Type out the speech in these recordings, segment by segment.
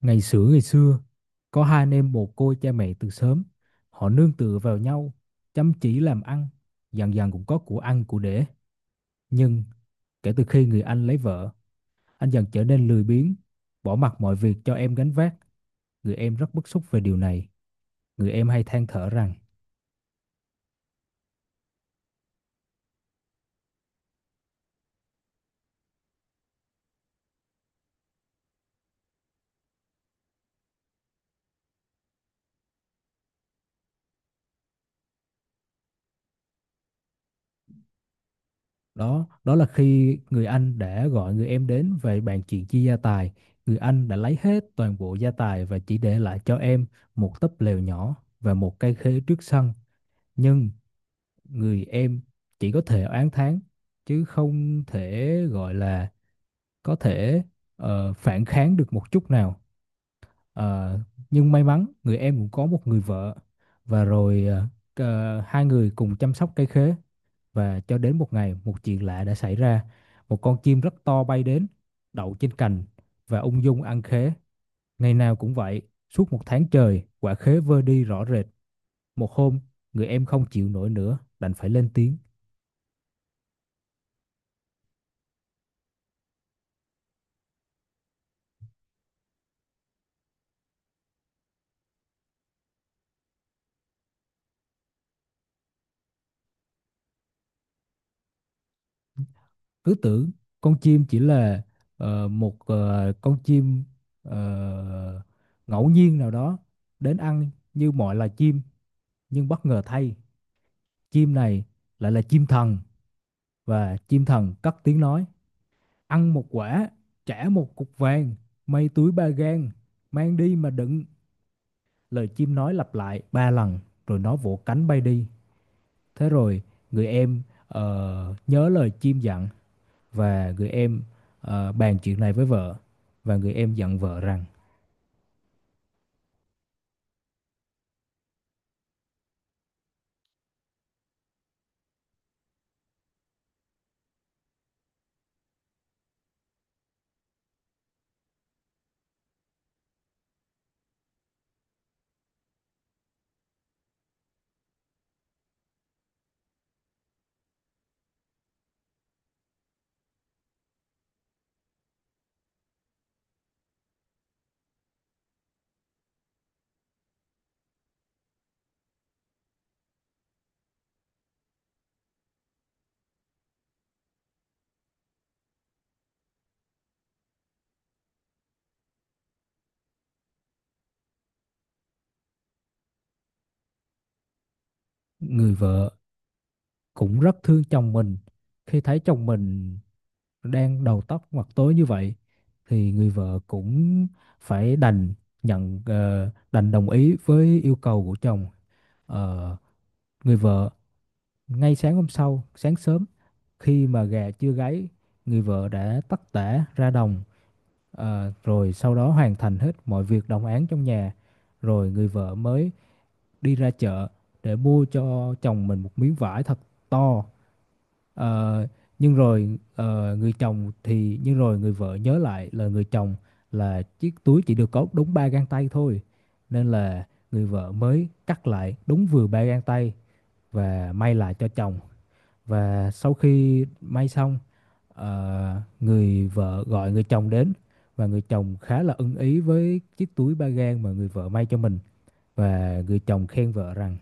Ngày xưa, có hai anh em mồ côi cha mẹ từ sớm. Họ nương tựa vào nhau, chăm chỉ làm ăn, dần dần cũng có của ăn của để. Nhưng kể từ khi người anh lấy vợ, anh dần trở nên lười biếng, bỏ mặc mọi việc cho em gánh vác. Người em rất bức xúc về điều này. Người em hay than thở rằng. Đó đó là khi người anh đã gọi người em đến về bàn chuyện chia gia tài. Người anh đã lấy hết toàn bộ gia tài và chỉ để lại cho em một túp lều nhỏ và một cây khế trước sân. Nhưng người em chỉ có thể oán thán, chứ không thể gọi là có thể phản kháng được một chút nào. Ờ, nhưng may mắn người em cũng có một người vợ, và rồi hai người cùng chăm sóc cây khế. Và cho đến một ngày, một chuyện lạ đã xảy ra: một con chim rất to bay đến đậu trên cành và ung dung ăn khế, ngày nào cũng vậy. Suốt một tháng trời quả khế vơ đi rõ rệt. Một hôm người em không chịu nổi nữa đành phải lên tiếng. Cứ tưởng con chim chỉ là một con chim ờ, ngẫu nhiên nào đó đến ăn như mọi loài chim, nhưng bất ngờ thay, chim này lại là chim thần, và chim thần cất tiếng nói: ăn một quả, trả một cục vàng, may túi 3 gang, mang đi mà đựng. Lời chim nói lặp lại 3 lần rồi nó vỗ cánh bay đi. Thế rồi người em nhớ lời chim dặn, và người em bàn chuyện này với vợ, và người em dặn vợ rằng. Người vợ cũng rất thương chồng mình, khi thấy chồng mình đang đầu tóc mặt tối như vậy thì người vợ cũng phải đành đồng ý với yêu cầu của chồng. Ờ, Người vợ ngay sáng hôm sau sáng sớm, khi mà gà chưa gáy, người vợ đã tất tả ra đồng, rồi sau đó hoàn thành hết mọi việc đồng áng trong nhà, rồi người vợ mới đi ra chợ để mua cho chồng mình một miếng vải thật to. Ờ, nhưng rồi người vợ nhớ lại là người chồng, là chiếc túi chỉ được có đúng 3 gang tay thôi. Nên là người vợ mới cắt lại đúng vừa 3 gang tay và may lại cho chồng. Và sau khi may xong, người vợ gọi người chồng đến, và người chồng khá là ưng ý với chiếc túi 3 gang mà người vợ may cho mình, và người chồng khen vợ rằng.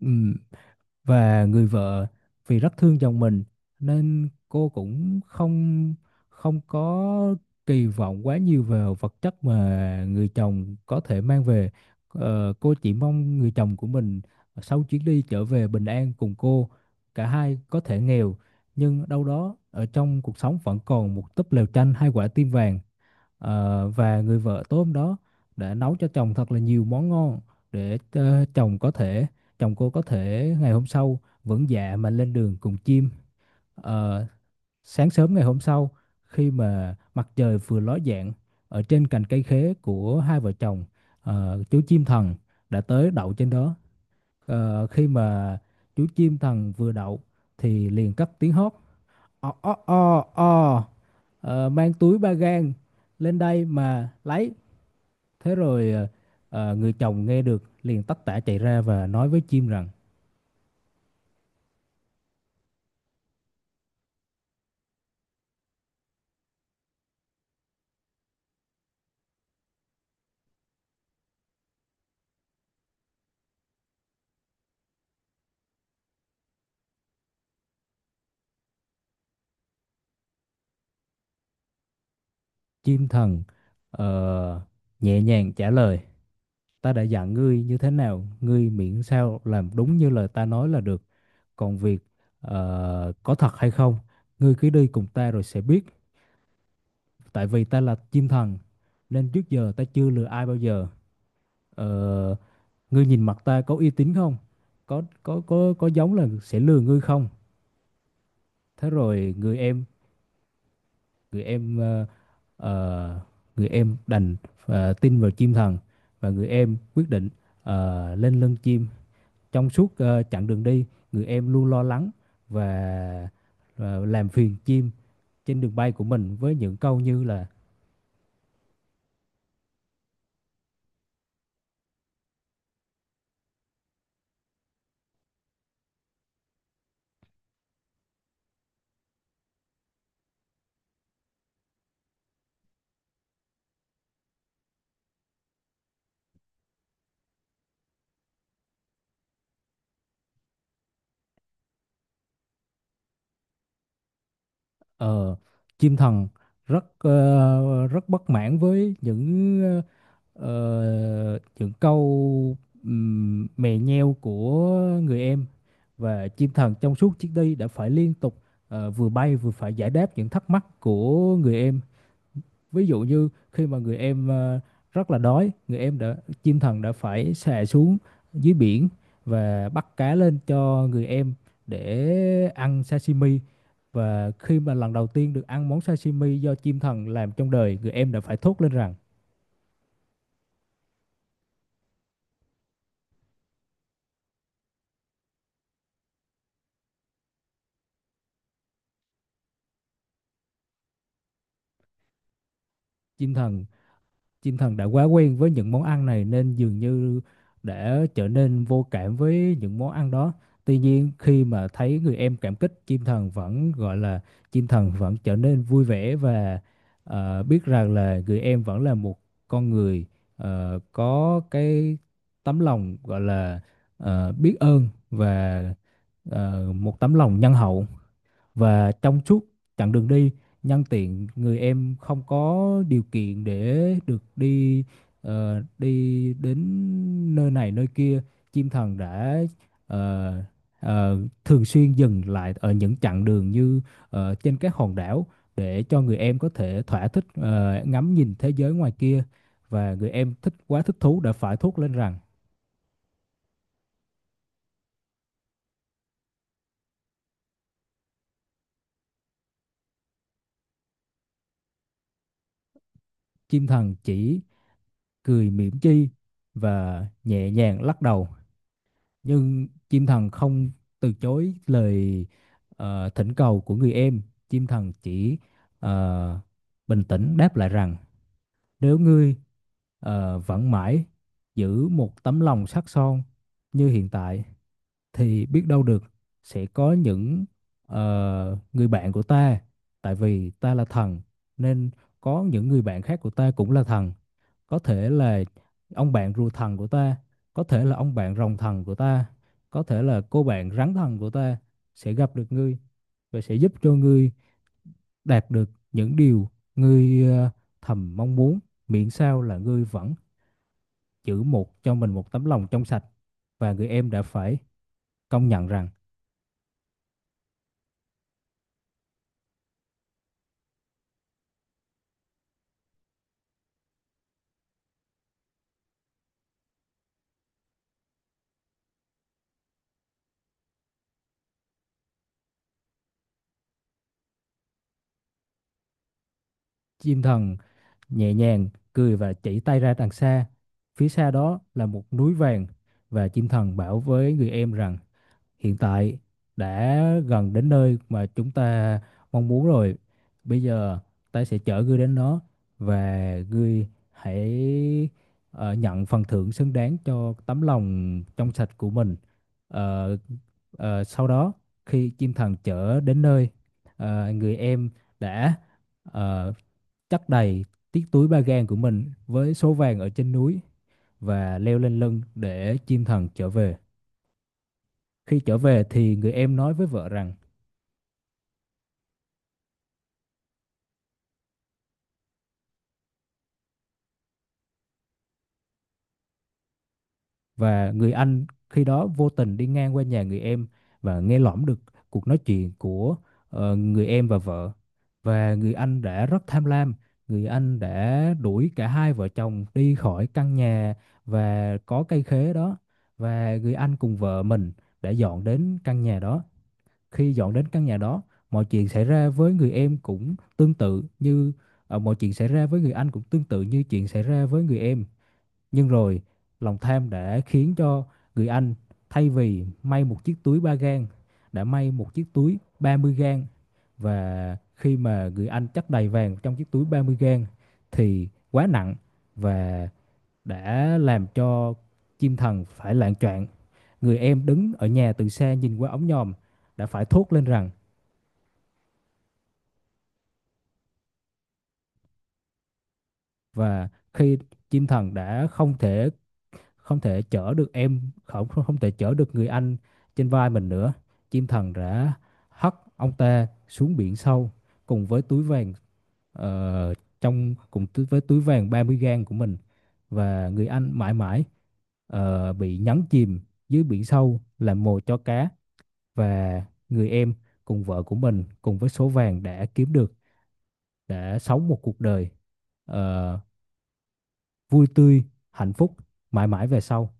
Ừm, Và người vợ, vì rất thương chồng mình, nên cô cũng không không có kỳ vọng quá nhiều vào vật chất mà người chồng có thể mang về. Cô chỉ mong người chồng của mình sau chuyến đi trở về bình an cùng cô. Cả hai có thể nghèo, nhưng đâu đó ở trong cuộc sống vẫn còn một túp lều tranh hai quả tim vàng. Và người vợ tối hôm đó đã nấu cho chồng thật là nhiều món ngon, để chồng cô có thể ngày hôm sau vẫn dạ mà lên đường cùng chim. Ờ, Sáng sớm ngày hôm sau, khi mà mặt trời vừa ló dạng, ở trên cành cây khế của hai vợ chồng, chú chim thần đã tới đậu trên đó. Khi mà chú chim thần vừa đậu thì liền cất tiếng hót: o o o o. Mang túi 3 gang lên đây mà lấy. Thế rồi người chồng nghe được liền tất tả chạy ra và nói với chim rằng. Chim thần ờ, nhẹ nhàng trả lời: ta đã dặn ngươi như thế nào, ngươi miễn sao làm đúng như lời ta nói là được. Còn việc có thật hay không, ngươi cứ đi cùng ta rồi sẽ biết. Tại vì ta là chim thần nên trước giờ ta chưa lừa ai bao giờ. Ờ, Ngươi nhìn mặt ta có uy tín không? Có giống là sẽ lừa ngươi không? Thế rồi người em ờ, ờ, người em đành tin vào chim thần. Và người em quyết định lên lưng chim. Trong suốt chặng đường đi, người em luôn lo lắng và ờ, làm phiền chim trên đường bay của mình, với những câu như là. ờ, Chim thần rất bất mãn với những câu mè nheo của người em. Và chim thần trong suốt chuyến đi đã phải liên tục vừa bay vừa phải giải đáp những thắc mắc của người em. Ví dụ như khi mà người em rất là đói, người em đã chim thần đã phải xà xuống dưới biển và bắt cá lên cho người em để ăn sashimi. Và khi mà lần đầu tiên được ăn món sashimi do chim thần làm trong đời, người em đã phải thốt lên rằng. chim thần Chim thần đã quá quen với những món ăn này nên dường như đã trở nên vô cảm với những món ăn đó. Tuy nhiên khi mà thấy người em cảm kích, chim thần vẫn trở nên vui vẻ và biết rằng là người em vẫn là một con người có cái tấm lòng, gọi là biết ơn và một tấm lòng nhân hậu. Và trong suốt chặng đường đi, nhân tiện người em không có điều kiện để được đi ờ, đi đến nơi này nơi kia, chim thần đã ờ, ờ, thường xuyên dừng lại ở những chặng đường như trên các hòn đảo, để cho người em có thể thỏa thích ngắm nhìn thế giới ngoài kia. Và người em thích quá, thích thú đã phải thốt lên rằng. Chim thần chỉ cười mỉm chi và nhẹ nhàng lắc đầu, nhưng chim thần không từ chối lời thỉnh cầu của người em. Chim thần chỉ ờ, bình tĩnh đáp lại rằng: nếu ngươi vẫn mãi giữ một tấm lòng sắt son như hiện tại, thì biết đâu được sẽ có những người bạn của ta. Tại vì ta là thần, nên có những người bạn khác của ta cũng là thần, có thể là ông bạn rùa thần của ta, có thể là ông bạn rồng thần của ta, có thể là cô bạn rắn thần của ta, sẽ gặp được ngươi và sẽ giúp cho ngươi đạt được những điều ngươi thầm mong muốn, miễn sao là ngươi vẫn giữ cho mình một tấm lòng trong sạch. Và người em đã phải công nhận rằng. Chim thần nhẹ nhàng cười và chỉ tay ra đằng xa, phía xa đó là một núi vàng. Và chim thần bảo với người em rằng: hiện tại đã gần đến nơi mà chúng ta mong muốn rồi. Bây giờ ta sẽ chở ngươi đến đó, và ngươi hãy nhận phần thưởng xứng đáng cho tấm lòng trong sạch của mình. Ờ, Sau đó khi chim thần chở đến nơi, người em đã ờ, chất đầy chiếc túi 3 gang của mình với số vàng ở trên núi, và leo lên lưng để chim thần trở về. Khi trở về thì người em nói với vợ rằng. Và người anh khi đó vô tình đi ngang qua nhà người em và nghe lỏm được cuộc nói chuyện của người em và vợ. Và người anh đã rất tham lam, người anh đã đuổi cả hai vợ chồng đi khỏi căn nhà và có cây khế đó, và người anh cùng vợ mình đã dọn đến căn nhà đó. Khi dọn đến căn nhà đó, mọi chuyện xảy ra với người em cũng tương tự như ờ, mọi chuyện xảy ra với người anh cũng tương tự như chuyện xảy ra với người em. Nhưng rồi, lòng tham đã khiến cho người anh, thay vì may một chiếc túi 3 gang, đã may một chiếc túi 30 gang. Và khi mà người anh chất đầy vàng trong chiếc túi 30 gang thì quá nặng và đã làm cho chim thần phải loạng choạng. Người em đứng ở nhà từ xa nhìn qua ống nhòm đã phải thốt lên rằng. Và khi chim thần đã không thể chở được em không không không thể chở được người anh trên vai mình nữa, chim thần đã hất ông ta xuống biển sâu cùng với túi vàng, ờ, 30 gang của mình. Và người anh mãi mãi bị nhấn chìm dưới biển sâu làm mồi cho cá. Và người em cùng vợ của mình, cùng với số vàng đã kiếm được, đã sống một cuộc đời ờ, vui tươi, hạnh phúc mãi mãi về sau.